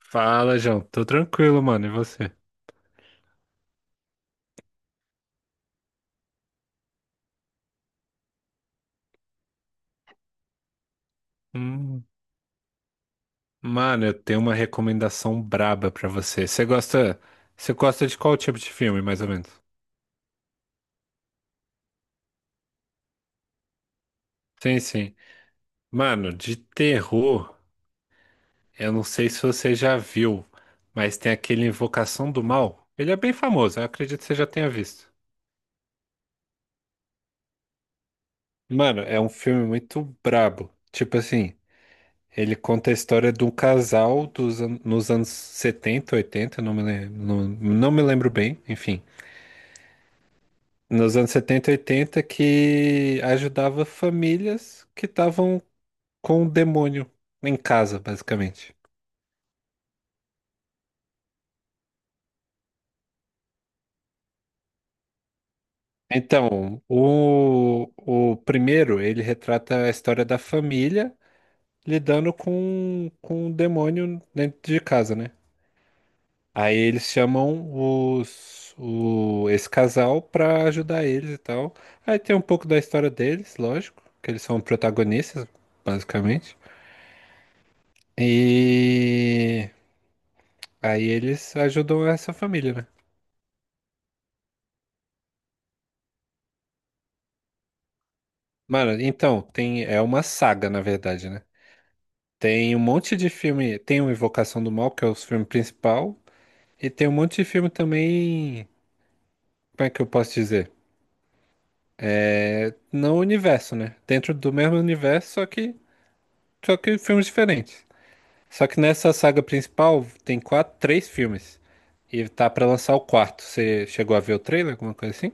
Fala, João. Tô tranquilo, mano. E você? Hum. Mano, eu tenho uma recomendação braba pra você. Você gosta de qual tipo de filme, mais ou menos? Sim, sim. Mano, de terror, eu não sei se você já viu, mas tem aquele Invocação do Mal. Ele é bem famoso, eu acredito que você já tenha visto. Mano, é um filme muito brabo. Tipo assim, ele conta a história de um casal nos anos 70, 80. Não, não me lembro bem, enfim. Nos anos 70 e 80 que ajudava famílias que estavam com o demônio em casa, basicamente. Então, o primeiro, ele retrata a história da família lidando com o demônio dentro de casa, né? Aí eles chamam esse casal pra ajudar eles e tal. Aí tem um pouco da história deles, lógico, que eles são protagonistas, basicamente. E aí eles ajudam essa família, né? Mano, então, tem, é uma saga, na verdade, né? Tem um monte de filme. Tem o Invocação do Mal, que é o filme principal, e tem um monte de filme também. Como é que eu posso dizer? No universo, né? Dentro do mesmo universo, só que filmes diferentes. Só que nessa saga principal tem quatro, três filmes. E tá pra lançar o quarto. Você chegou a ver o trailer, alguma coisa assim?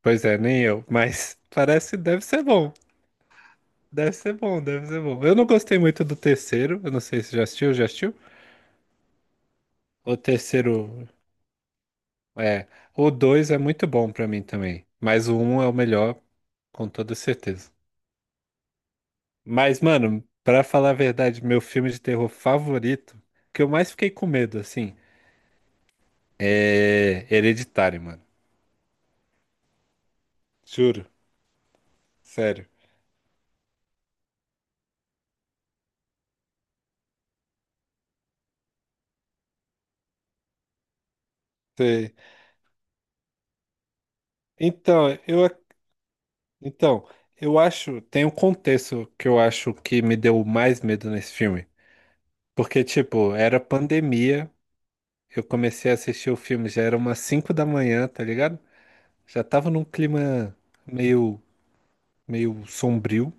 Pois é, nem eu, mas parece, deve ser bom. Deve ser bom, deve ser bom. Eu não gostei muito do terceiro, eu não sei se já assistiu, já assistiu? O terceiro é, o dois é muito bom pra mim também, mas o um é o melhor com toda certeza. Mas mano, pra falar a verdade, meu filme de terror favorito, que eu mais fiquei com medo assim, é Hereditário, mano. Juro, sério. Sei. Então, eu ac- então, eu acho, tem um contexto que eu acho que me deu mais medo nesse filme. Porque, tipo, era pandemia. Eu comecei a assistir o filme, já era umas 5 da manhã, tá ligado? Já tava num clima meio, meio sombrio.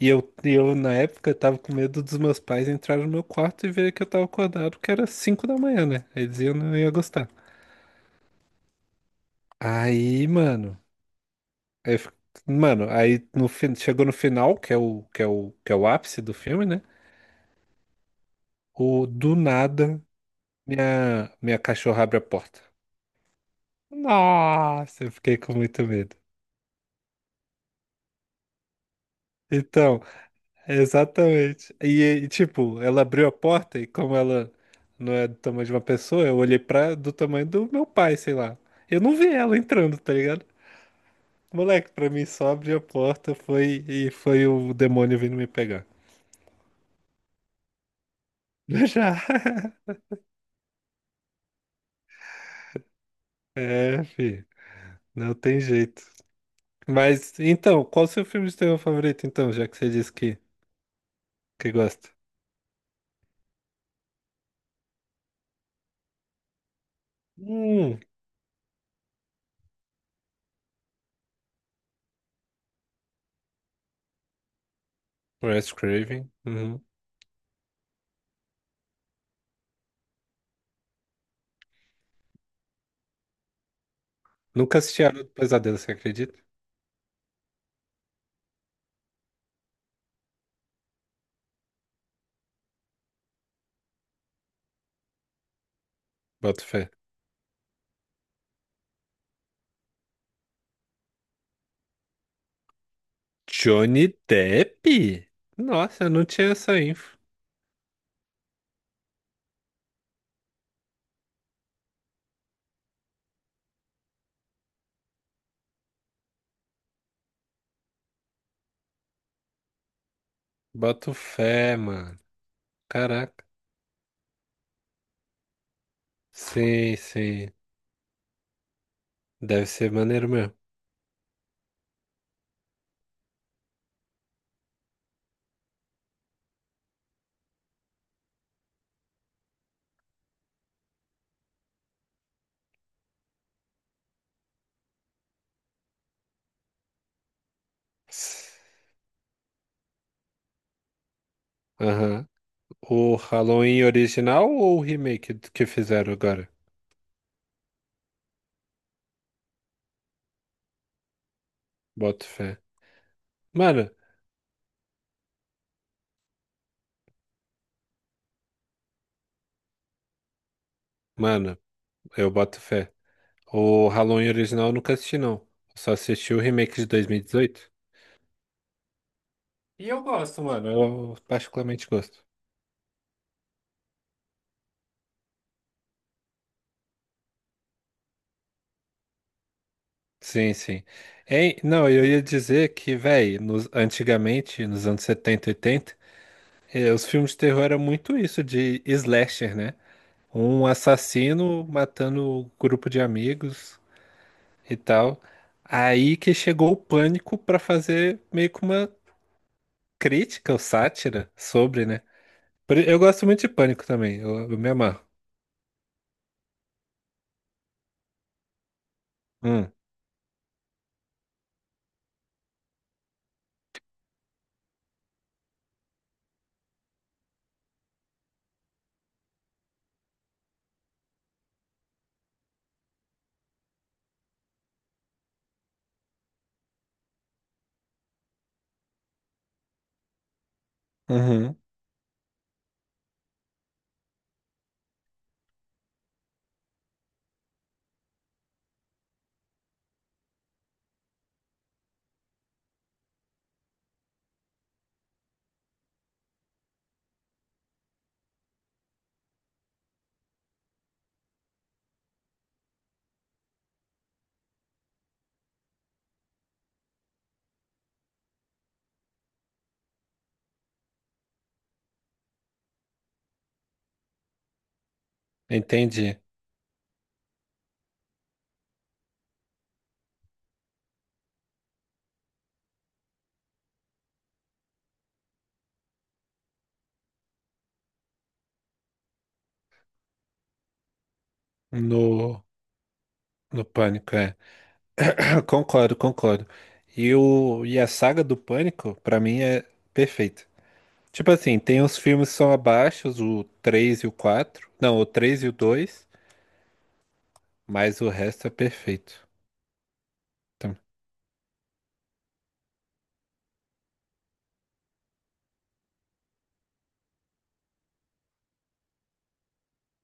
E eu, na época, tava com medo dos meus pais entrarem no meu quarto e verem que eu tava acordado, que era 5 da manhã, né? Eles iam, não ia gostar. Aí, mano, aí fi- mano, aí no, fin- chegou no final, que é o, que é o, que é o ápice do filme, né? Do nada, minha cachorra abre a porta. Nossa, eu fiquei com muito medo. Então, exatamente. E, tipo, ela abriu a porta e como ela não é do tamanho de uma pessoa, eu olhei pra do tamanho do meu pai, sei lá. Eu não vi ela entrando, tá ligado? Moleque, pra mim só abriu a porta foi e foi o demônio vindo me pegar. Já. É, não tem jeito. Mas então, qual o seu filme de terror favorito então, já que você disse que gosta? Hum. Wes Craven. Uhum. Nunca assisti a Hora do Pesadelo, você acredita? Boto fé. Johnny Depp? Nossa, eu não tinha essa info. Boto fé, mano. Caraca. Sim, sim. Deve ser maneiro mesmo. Aham. O Halloween original ou o remake do que fizeram agora? Boto fé. Mano, mano, eu boto fé. O Halloween original eu nunca assisti, não. Eu só assisti o remake de 2018. E eu gosto, mano. Eu particularmente gosto. Sim, sim. Hein? Não, eu ia dizer que, velho, antigamente, nos anos 70 80, os filmes de terror eram muito isso, de slasher, né? Um assassino matando um grupo de amigos e tal. Aí que chegou o pânico pra fazer meio que uma crítica ou sátira sobre, né? Eu gosto muito de pânico também, eu me amarro. Hum, uhum, entendi. No, no pânico, é. Concordo, concordo. E a saga do Pânico, pra mim, é perfeita. Tipo assim, tem uns filmes que são abaixo, o 3 e o 4, não, o 3 e o 2, mas o resto é perfeito. Então,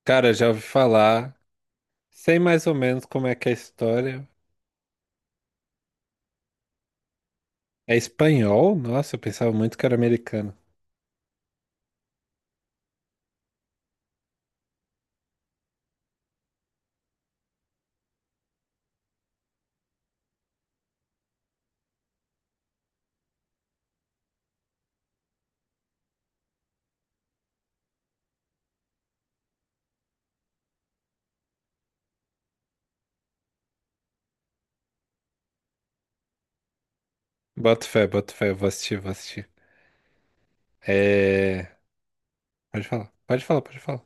cara, já ouvi falar, sei mais ou menos como é que é a história. É espanhol? Nossa, eu pensava muito que era americano. Bota fé, eu vou assistir, vou assistir. É. Pode falar, pode falar, pode falar.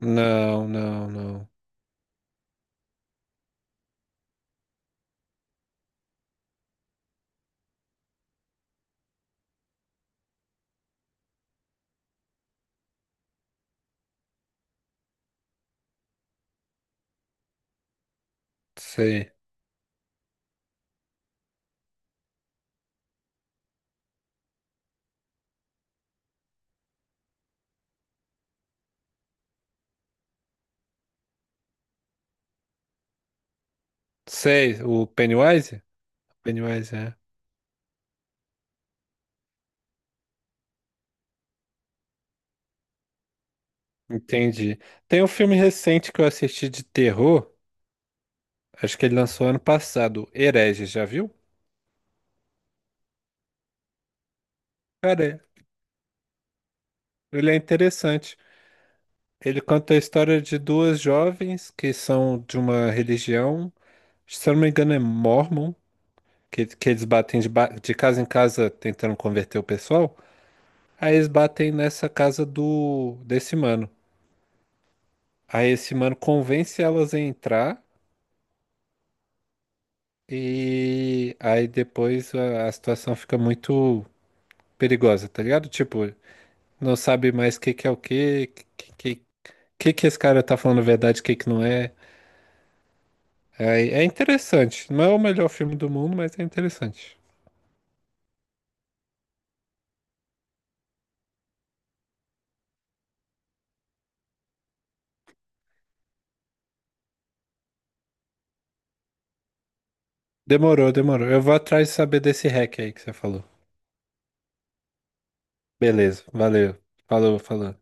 Não, não, não. Sei. Sei, o Pennywise? Pennywise, é. Entendi. Tem um filme recente que eu assisti de terror, acho que ele lançou ano passado, Herege, já viu? Cara, ele é interessante. Ele conta a história de duas jovens que são de uma religião, se eu não me engano é Mormon, que eles batem de casa em casa tentando converter o pessoal. Aí eles batem nessa casa do desse mano. Aí esse mano convence elas a entrar e aí depois a situação fica muito perigosa, tá ligado? Tipo, não sabe mais o que que é o que, que esse cara tá falando a verdade, o que que não é. É, é interessante. Não é o melhor filme do mundo, mas é interessante. Demorou, demorou. Eu vou atrás de saber desse hack aí que você falou. Beleza, valeu. Falou, falou.